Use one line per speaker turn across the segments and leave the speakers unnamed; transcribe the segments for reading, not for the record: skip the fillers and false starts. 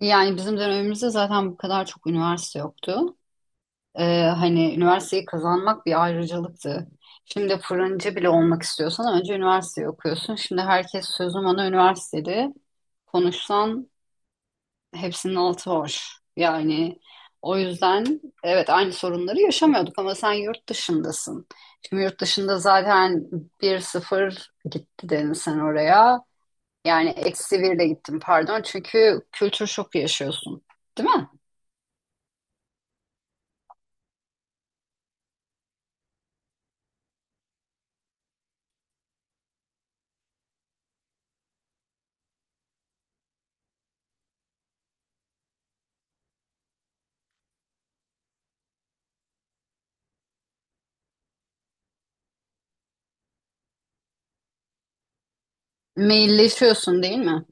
Yani bizim dönemimizde zaten bu kadar çok üniversite yoktu. Ee, hani üniversiteyi kazanmak bir ayrıcalıktı. Şimdi fırıncı bile olmak istiyorsan önce üniversiteyi okuyorsun. Şimdi herkes sözüm ona üniversitede konuşsan hepsinin altı boş. Yani o yüzden evet, aynı sorunları yaşamıyorduk ama sen yurt dışındasın. Şimdi yurt dışında zaten bir sıfır gitti dedin sen oraya. Yani eksi 1 de gittin pardon, çünkü kültür şoku yaşıyorsun. Değil mi? Mailleşiyorsun, değil mi?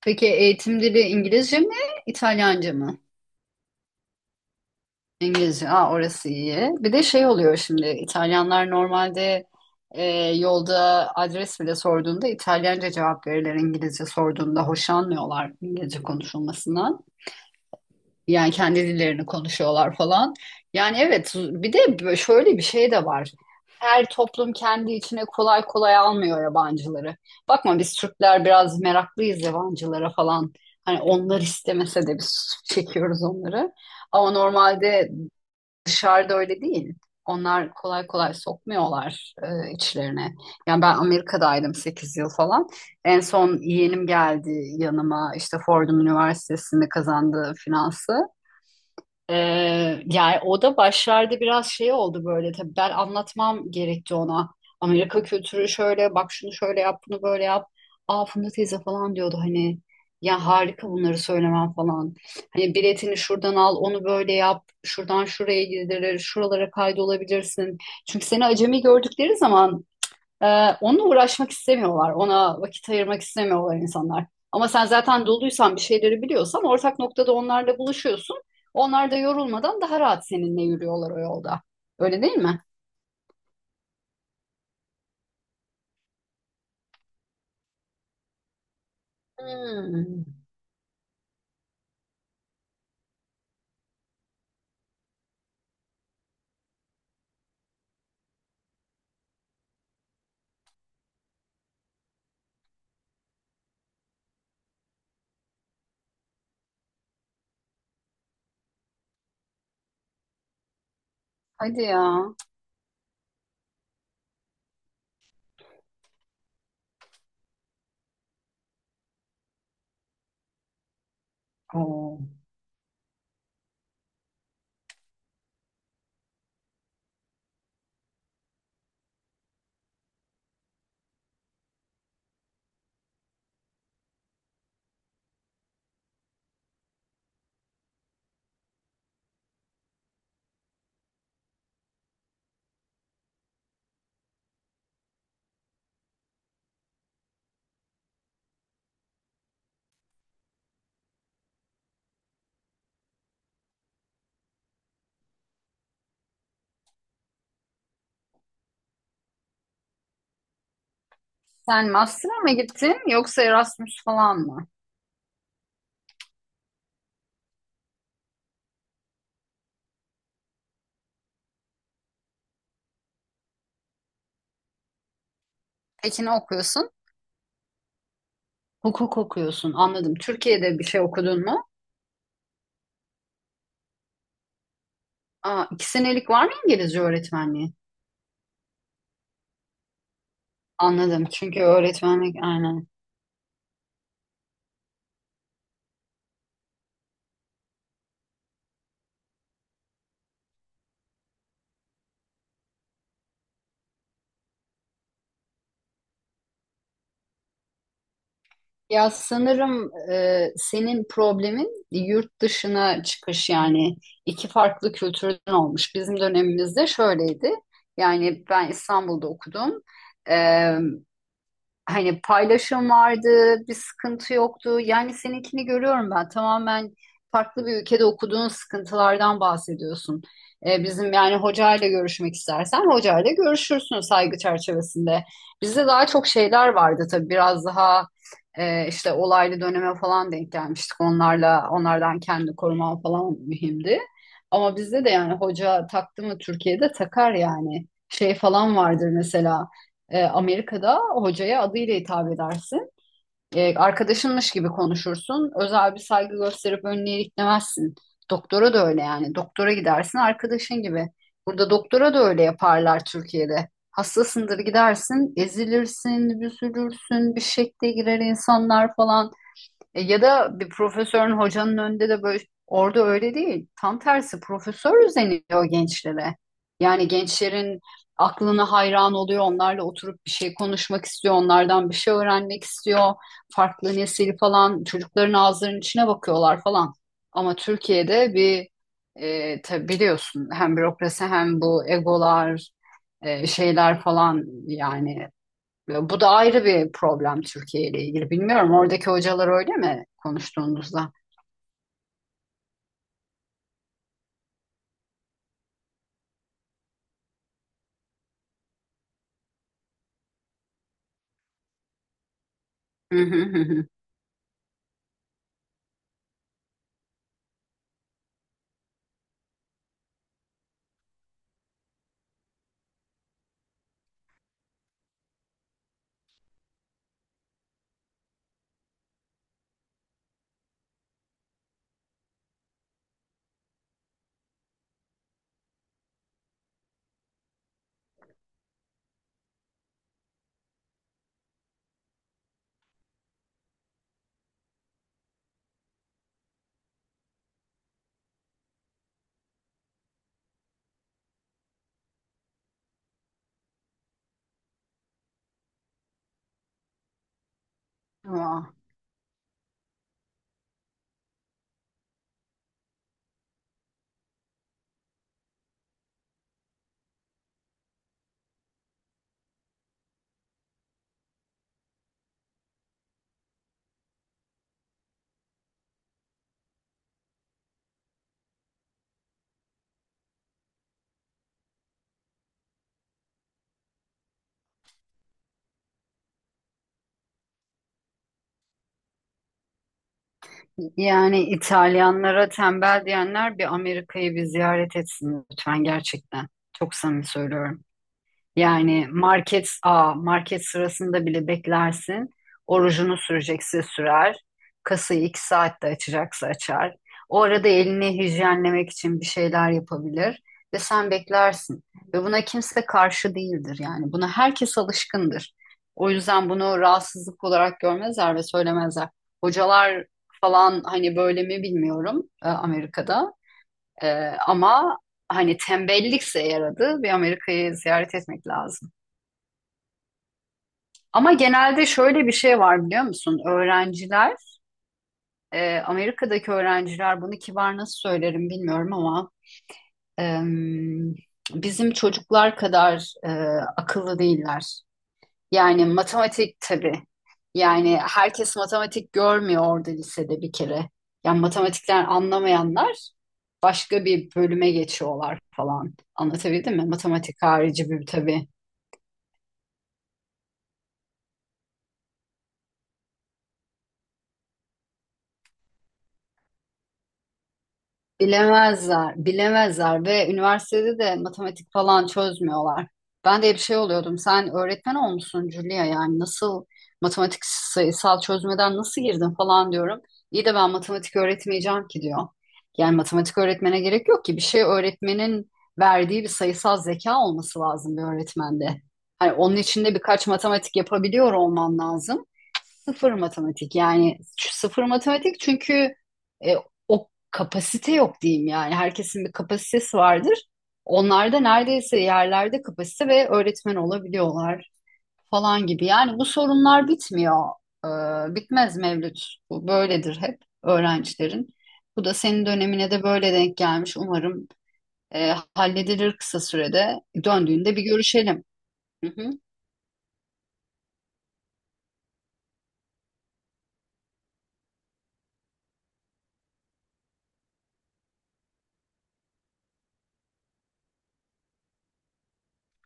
Peki eğitim dili İngilizce mi, İtalyanca mı? İngilizce. Aa, orası iyi. Bir de şey oluyor şimdi. İtalyanlar normalde e, yolda adres bile sorduğunda İtalyanca cevap verirler, İngilizce sorduğunda hoşlanmıyorlar İngilizce konuşulmasından. Yani kendi dillerini konuşuyorlar falan. Yani evet, bir de şöyle bir şey de var. Her toplum kendi içine kolay kolay almıyor yabancıları. Bakma, biz Türkler biraz meraklıyız yabancılara falan. Hani onlar istemese de biz çekiyoruz onları. Ama normalde dışarıda öyle değil. Onlar kolay kolay sokmuyorlar içlerine. Yani ben Amerika'daydım 8 yıl falan. En son yeğenim geldi yanıma, işte Fordham Üniversitesi'nde kazandığı finansı. Yani o da başlarda biraz şey oldu böyle. Tabii ben anlatmam gerekti ona. Amerika kültürü şöyle: bak, şunu şöyle yap, bunu böyle yap. Aa, Funda teyze falan diyordu hani, ya harika bunları söylemem falan. Hani biletini şuradan al, onu böyle yap, şuradan şuraya gidilir, şuralara kaydolabilirsin. Çünkü seni acemi gördükleri zaman onunla uğraşmak istemiyorlar. Ona vakit ayırmak istemiyorlar insanlar. Ama sen zaten doluysan, bir şeyleri biliyorsan ortak noktada onlarla buluşuyorsun. Onlar da yorulmadan daha rahat seninle yürüyorlar o yolda. Öyle değil mi? Hmm. Hadi ya. Oo. Sen master'a mı gittin yoksa Erasmus falan mı? Peki ne okuyorsun? Hukuk okuyorsun. Anladım. Türkiye'de bir şey okudun mu? Aa, 2 senelik var mı İngilizce öğretmenliği? Anladım. Çünkü öğretmenlik aynen. Ya sanırım senin problemin yurt dışına çıkış. Yani iki farklı kültürden olmuş. Bizim dönemimizde şöyleydi. Yani ben İstanbul'da okudum, hani paylaşım vardı, bir sıkıntı yoktu. Yani seninkini görüyorum ben. Tamamen farklı bir ülkede okuduğun sıkıntılardan bahsediyorsun. Bizim yani hocayla görüşmek istersen hocayla görüşürsün saygı çerçevesinde. Bizde daha çok şeyler vardı tabii, biraz daha işte olaylı döneme falan denk gelmiştik. Onlarla, onlardan kendi koruman falan mühimdi. Ama bizde de yani hoca taktı mı Türkiye'de takar yani. Şey falan vardır mesela. Amerika'da hocaya adıyla hitap edersin. Arkadaşınmış gibi konuşursun. Özel bir saygı gösterip önüne iliklemezsin. Doktora da öyle yani. Doktora gidersin arkadaşın gibi. Burada doktora da öyle yaparlar Türkiye'de. Hastasındır, gidersin, ezilirsin, büzülürsün, bir şekle girer insanlar falan. Ya da bir profesörün, hocanın önünde de böyle, orada öyle değil. Tam tersi, profesör özeniyor gençlere. Yani gençlerin aklına hayran oluyor. Onlarla oturup bir şey konuşmak istiyor. Onlardan bir şey öğrenmek istiyor. Farklı nesil falan, çocukların ağzlarının içine bakıyorlar falan. Ama Türkiye'de bir tabii biliyorsun, hem bürokrasi hem bu egolar şeyler falan yani, bu da ayrı bir problem Türkiye ile ilgili. Bilmiyorum, oradaki hocalar öyle mi konuştuğunuzda? Hı hı hı hı. Vah. Yani İtalyanlara tembel diyenler bir Amerika'yı bir ziyaret etsin lütfen, gerçekten. Çok samimi söylüyorum. Yani market a market sırasında bile beklersin. Orucunu, rujunu sürecekse sürer. Kasayı 2 saatte açacaksa açar. O arada elini hijyenlemek için bir şeyler yapabilir ve sen beklersin. Ve buna kimse karşı değildir yani. Buna herkes alışkındır. O yüzden bunu rahatsızlık olarak görmezler ve söylemezler. Hocalar falan hani böyle mi bilmiyorum Amerika'da. E, ama hani tembellikse, yaradı, bir Amerika'yı ziyaret etmek lazım. Ama genelde şöyle bir şey var, biliyor musun? Öğrenciler, Amerika'daki öğrenciler, bunu kibar nasıl söylerim bilmiyorum ama em, bizim çocuklar kadar akıllı değiller. Yani matematik tabii. Yani herkes matematik görmüyor orada lisede bir kere. Yani matematikten anlamayanlar başka bir bölüme geçiyorlar falan. Anlatabildim mi? Matematik harici bir tabii. Bilemezler, bilemezler, ve üniversitede de matematik falan çözmüyorlar. Ben de bir şey oluyordum. Sen öğretmen olmuşsun Julia, yani nasıl matematik sayısal çözmeden nasıl girdin falan diyorum. İyi de ben matematik öğretmeyeceğim ki diyor. Yani matematik öğretmene gerek yok ki, bir şey öğretmenin verdiği bir sayısal zeka olması lazım bir öğretmende. Hani onun içinde birkaç matematik yapabiliyor olman lazım. Sıfır matematik, yani sıfır matematik, çünkü e, kapasite yok diyeyim yani. Herkesin bir kapasitesi vardır. Onlar da neredeyse yerlerde kapasite ve öğretmen olabiliyorlar falan gibi. Yani bu sorunlar bitmiyor. Bitmez Mevlüt. Bu böyledir hep öğrencilerin. Bu da senin dönemine de böyle denk gelmiş. Umarım halledilir kısa sürede. Döndüğünde bir görüşelim. Hı hı.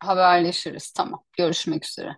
Haberleşiriz. Tamam. Görüşmek üzere.